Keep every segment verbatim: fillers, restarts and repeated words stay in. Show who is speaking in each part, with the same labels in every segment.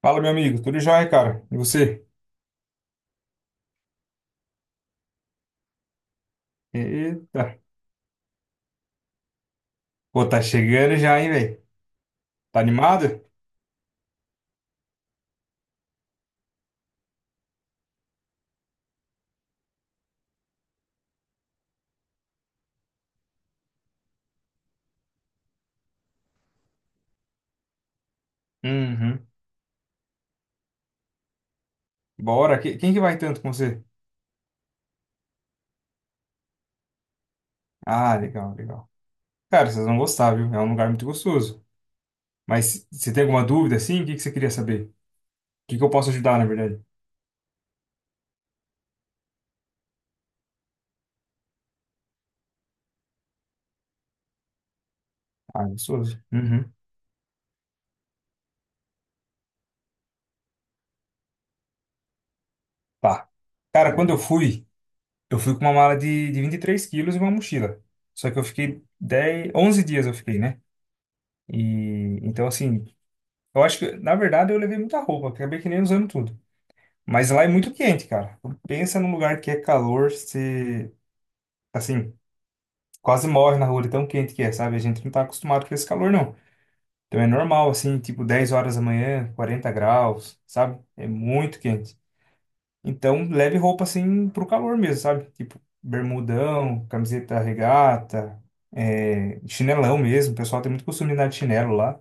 Speaker 1: Fala, meu amigo. Tudo jóia, cara? E você? Eita. Pô, tá chegando já, hein, velho? Tá animado? Uhum. Bora. Que- Quem que vai tanto com você? Ah, legal, legal. Cara, vocês vão gostar, viu? É um lugar muito gostoso. Mas você tem alguma dúvida, assim? O que que você queria saber? O que que eu posso ajudar, na verdade? Ah, gostoso. Uhum. Tá. Cara, quando eu fui, eu fui com uma mala de, de vinte e três quilos e uma mochila. Só que eu fiquei dez, onze dias eu fiquei, né? E, então, assim, eu acho que, na verdade, eu levei muita roupa. Acabei que nem usando tudo. Mas lá é muito quente, cara. Pensa num lugar que é calor, se assim, quase morre na rua, de tão quente que é, sabe? A gente não tá acostumado com esse calor, não. Então é normal, assim, tipo dez horas da manhã, quarenta graus, sabe? É muito quente. Então leve roupa, assim, pro calor mesmo, sabe? Tipo, bermudão, camiseta regata, é, chinelão mesmo. O pessoal tem muito costume de andar de chinelo lá.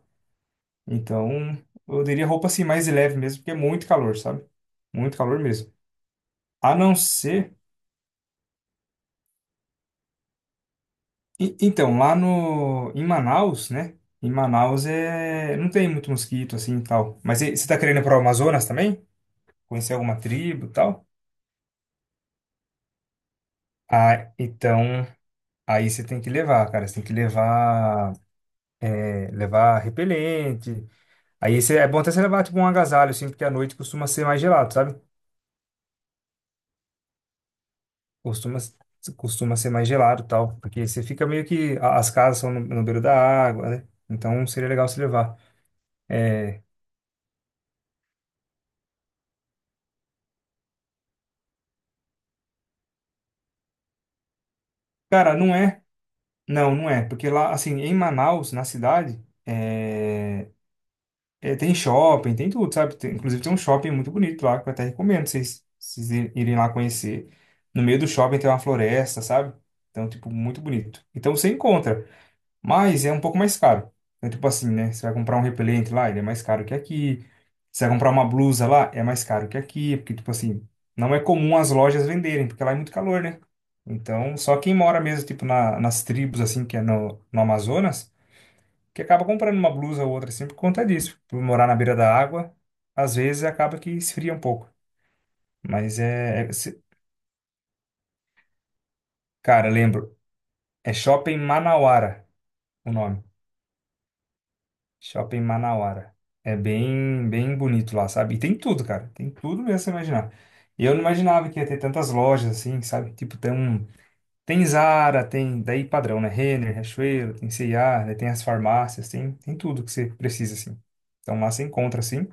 Speaker 1: Então eu diria roupa, assim, mais leve mesmo, porque é muito calor, sabe? Muito calor mesmo. A não ser. E- Então, lá no, em Manaus, né? Em Manaus é, não tem muito mosquito assim e tal. Mas e- você tá querendo ir pro Amazonas também? Conhecer alguma tribo e tal? Ah, então, aí você tem que levar, cara. Você tem que levar, é, levar repelente. Aí você, é bom até você levar tipo um agasalho, assim, porque à noite costuma ser mais gelado, sabe? Costuma, costuma ser mais gelado e tal. Porque você fica meio que, a- as casas são no, no beiro da água, né? Então seria legal você levar. É, cara, não é. Não, não é, porque lá, assim, em Manaus, na cidade, é, é, tem shopping, tem tudo, sabe? Tem- inclusive tem um shopping muito bonito lá, que eu até recomendo vocês, vocês ir- irem lá conhecer. No meio do shopping tem uma floresta, sabe? Então, tipo, muito bonito. Então você encontra. Mas é um pouco mais caro. Então, tipo assim, né? Você vai comprar um repelente lá, ele é mais caro que aqui. Você vai comprar uma blusa lá, é mais caro que aqui. Porque, tipo assim, não é comum as lojas venderem, porque lá é muito calor, né? Então, só quem mora mesmo, tipo, na, nas tribos, assim, que é no, no Amazonas, que acaba comprando uma blusa ou outra, assim, por conta disso. Por morar na beira da água, às vezes acaba que esfria um pouco. Mas é... é- se- cara, lembro. É Shopping Manauara o nome. Shopping Manauara. É bem, bem bonito lá, sabe? E tem tudo, cara. Tem tudo mesmo que você imaginar. E eu não imaginava que ia ter tantas lojas assim, sabe? Tipo, tem um. Tem Zara, tem. Daí padrão, né? Renner, Riachuelo, tem C e A, né? Tem as farmácias, tem, tem tudo que você precisa, assim. Então lá você encontra, assim.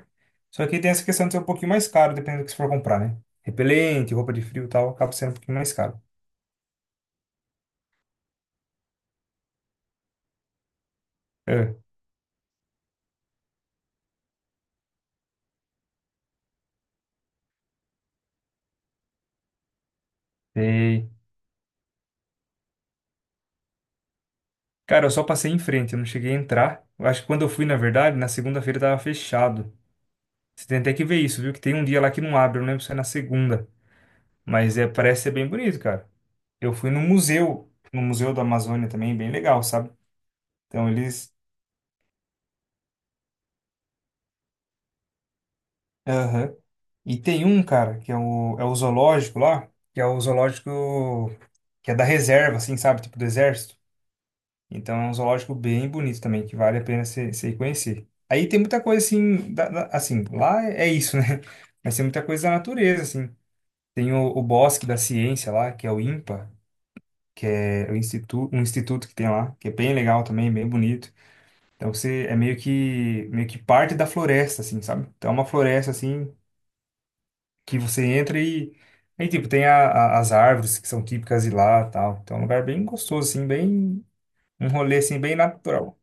Speaker 1: Só que tem essa questão de ser um pouquinho mais caro, dependendo do que você for comprar, né? Repelente, roupa de frio e tal, acaba sendo um pouquinho mais caro. É, sei. Cara, eu só passei em frente, eu não cheguei a entrar. Eu acho que quando eu fui, na verdade, na segunda-feira tava fechado. Você tem até que ver isso, viu? Que tem um dia lá que não abre, eu não lembro se é na segunda. Mas é, parece ser bem bonito, cara. Eu fui no museu, no Museu da Amazônia também, bem legal, sabe? Então eles. Aham. E tem um, cara, que é o, é o zoológico lá, que é o zoológico que é da reserva, assim, sabe? Tipo do exército. Então é um zoológico bem bonito também, que vale a pena você você ir conhecer. Aí tem muita coisa assim, da- da- assim, lá é isso, né? Mas tem muita coisa da natureza, assim. Tem o, o Bosque da Ciência lá, que é o INPA. Que é o instituto, um instituto que tem lá, que é bem legal também, bem bonito. Então você é meio que meio que parte da floresta, assim, sabe? Então é uma floresta assim que você entra e aí tipo tem a- a- as árvores que são típicas de lá, tal. Então é um lugar bem gostoso, assim, bem um rolê assim bem natural.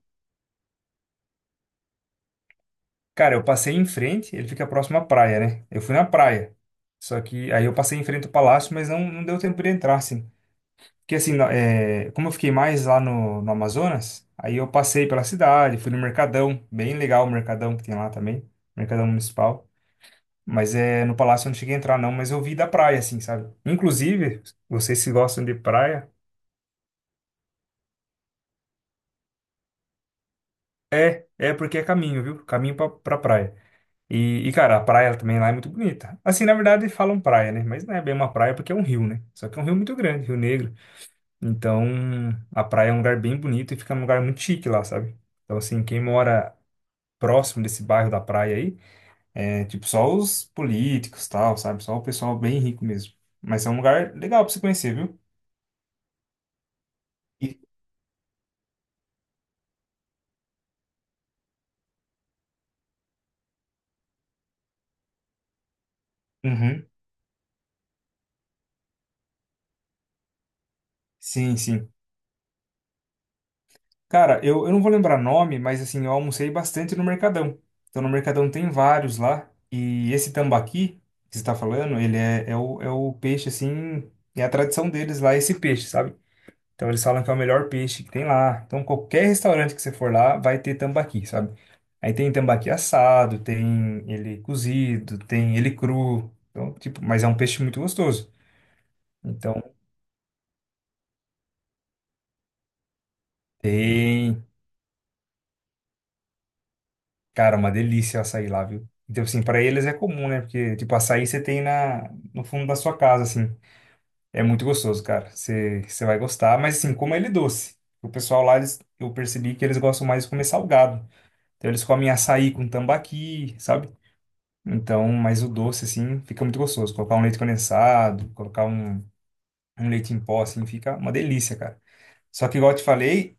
Speaker 1: Cara, eu passei em frente, ele fica próximo à praia, né? Eu fui na praia. Só que aí eu passei em frente ao palácio, mas não, não deu tempo de entrar, assim. Porque assim, na- é, como eu fiquei mais lá no, no Amazonas, aí eu passei pela cidade, fui no Mercadão, bem legal o Mercadão que tem lá também, Mercadão Municipal. Mas é, no palácio eu não cheguei a entrar não, mas eu vi da praia, assim, sabe? Inclusive, vocês que gostam de praia, é, é porque é caminho, viu? Caminho pra, pra praia. E, e, cara, a praia também lá é muito bonita. Assim, na verdade, falam praia, né? Mas não é bem uma praia porque é um rio, né? Só que é um rio muito grande, Rio Negro. Então, a praia é um lugar bem bonito e fica num lugar muito chique lá, sabe? Então, assim, quem mora próximo desse bairro da praia aí. É, tipo, só os políticos, tal, sabe? Só o pessoal bem rico mesmo. Mas é um lugar legal pra você conhecer, viu? E- Uhum. Sim, sim. Cara, eu, eu não vou lembrar nome, mas assim, eu almocei bastante no Mercadão. Então, no Mercadão tem vários lá. E esse tambaqui que você tá falando, ele é, é o, é o peixe, assim, é a tradição deles lá, esse peixe, sabe? Então, eles falam que é o melhor peixe que tem lá. Então, qualquer restaurante que você for lá, vai ter tambaqui, sabe? Aí tem tambaqui assado, tem ele cozido, tem ele cru. Então, tipo, mas é um peixe muito gostoso. Então, tem, cara, uma delícia o açaí lá, viu? Então, assim, para eles é comum, né? Porque, tipo, açaí você tem na, no fundo da sua casa, assim. É muito gostoso, cara. Você, você vai gostar, mas, assim, como ele é doce. O pessoal lá, eles, eu percebi que eles gostam mais de comer salgado. Então, eles comem açaí com tambaqui, sabe? Então, mas o doce, assim, fica muito gostoso. Colocar um leite condensado, colocar um um leite em pó, assim, fica uma delícia, cara. Só que, igual eu te falei,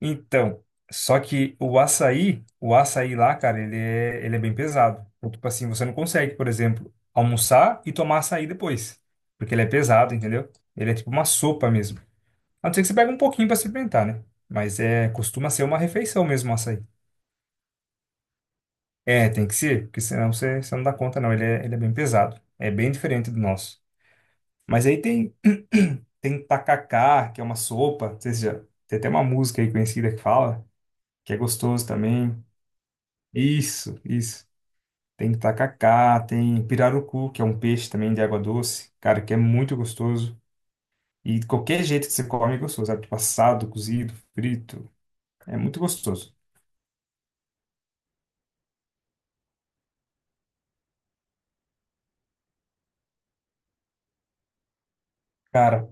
Speaker 1: então, só que o açaí, o açaí lá, cara, ele é, ele é bem pesado. Então, tipo assim, você não consegue, por exemplo, almoçar e tomar açaí depois, porque ele é pesado, entendeu? Ele é tipo uma sopa mesmo. A não ser que você pegue um pouquinho pra experimentar, né? Mas é, costuma ser uma refeição mesmo o açaí. É, tem que ser, porque senão você, você não dá conta, não. Ele é, ele é bem pesado. É bem diferente do nosso. Mas aí tem, tem tacacá, que é uma sopa, não sei se já, tem até uma música aí conhecida que fala, que é gostoso também. Isso, isso. Tem tacacá, tem pirarucu, que é um peixe também de água doce, cara, que é muito gostoso. E qualquer jeito que você come é gostoso, sabe? Tipo assado, cozido, frito, é muito gostoso. Cara,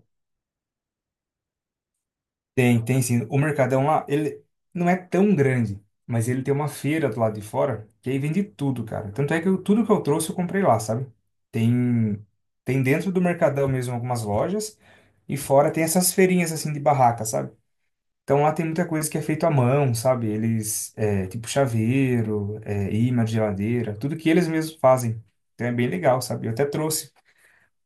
Speaker 1: tem, tem sim. O Mercadão lá, ele não é tão grande, mas ele tem uma feira do lado de fora, que aí vende tudo, cara. Tanto é que eu- tudo que eu trouxe eu comprei lá, sabe? Tem, tem dentro do Mercadão mesmo algumas lojas, e fora tem essas feirinhas assim de barraca, sabe? Então lá tem muita coisa que é feito à mão, sabe? Eles, é, tipo chaveiro, é, imã de geladeira, tudo que eles mesmos fazem. Então é bem legal, sabe? Eu até trouxe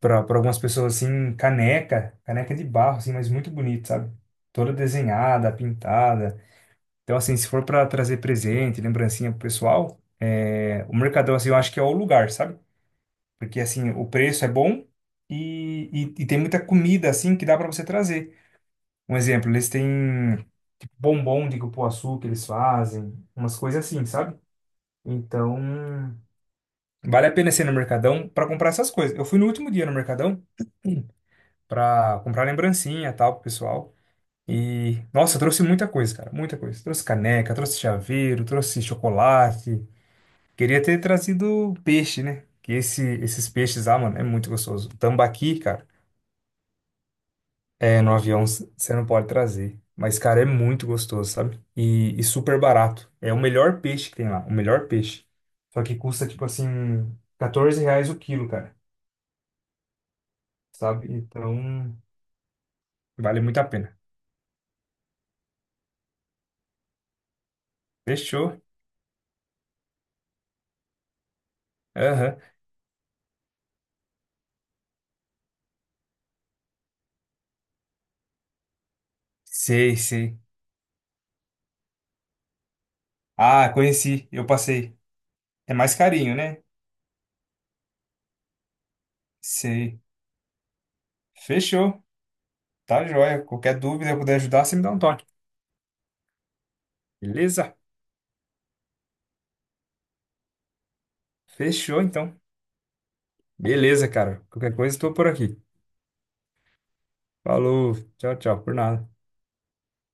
Speaker 1: para algumas pessoas assim, caneca, caneca de barro, assim, mas muito bonito, sabe? Toda desenhada, pintada. Então, assim, se for para trazer presente, lembrancinha pro pessoal, é, o Mercadão, assim, eu acho que é o lugar, sabe? Porque, assim, o preço é bom e, e, e tem muita comida, assim, que dá para você trazer. Um exemplo, eles têm tipo, bombom de cupuaçu que eles fazem, umas coisas assim, sabe? Então, vale a pena ser no Mercadão para comprar essas coisas. Eu fui no último dia no Mercadão pra comprar lembrancinha e tal pro pessoal. E, nossa, eu trouxe muita coisa, cara, muita coisa. Trouxe caneca, trouxe chaveiro, trouxe chocolate. Queria ter trazido peixe, né? Que esse, esses peixes lá, mano, é muito gostoso. Tambaqui, cara, é, no avião c- você não pode trazer. Mas, cara, é muito gostoso, sabe? E, e super barato. É o melhor peixe que tem lá, o melhor peixe. Só que custa, tipo assim, catorze reais o quilo, cara, sabe? Então, vale muito a pena. Fechou. Aham. Sei, sei. Ah, conheci, eu passei. É mais carinho, né? Sei. Fechou. Tá joia. Qualquer dúvida eu puder ajudar, você me dá um toque. Beleza? Fechou, então. Beleza, cara. Qualquer coisa, estou por aqui. Falou. Tchau, tchau. Por nada.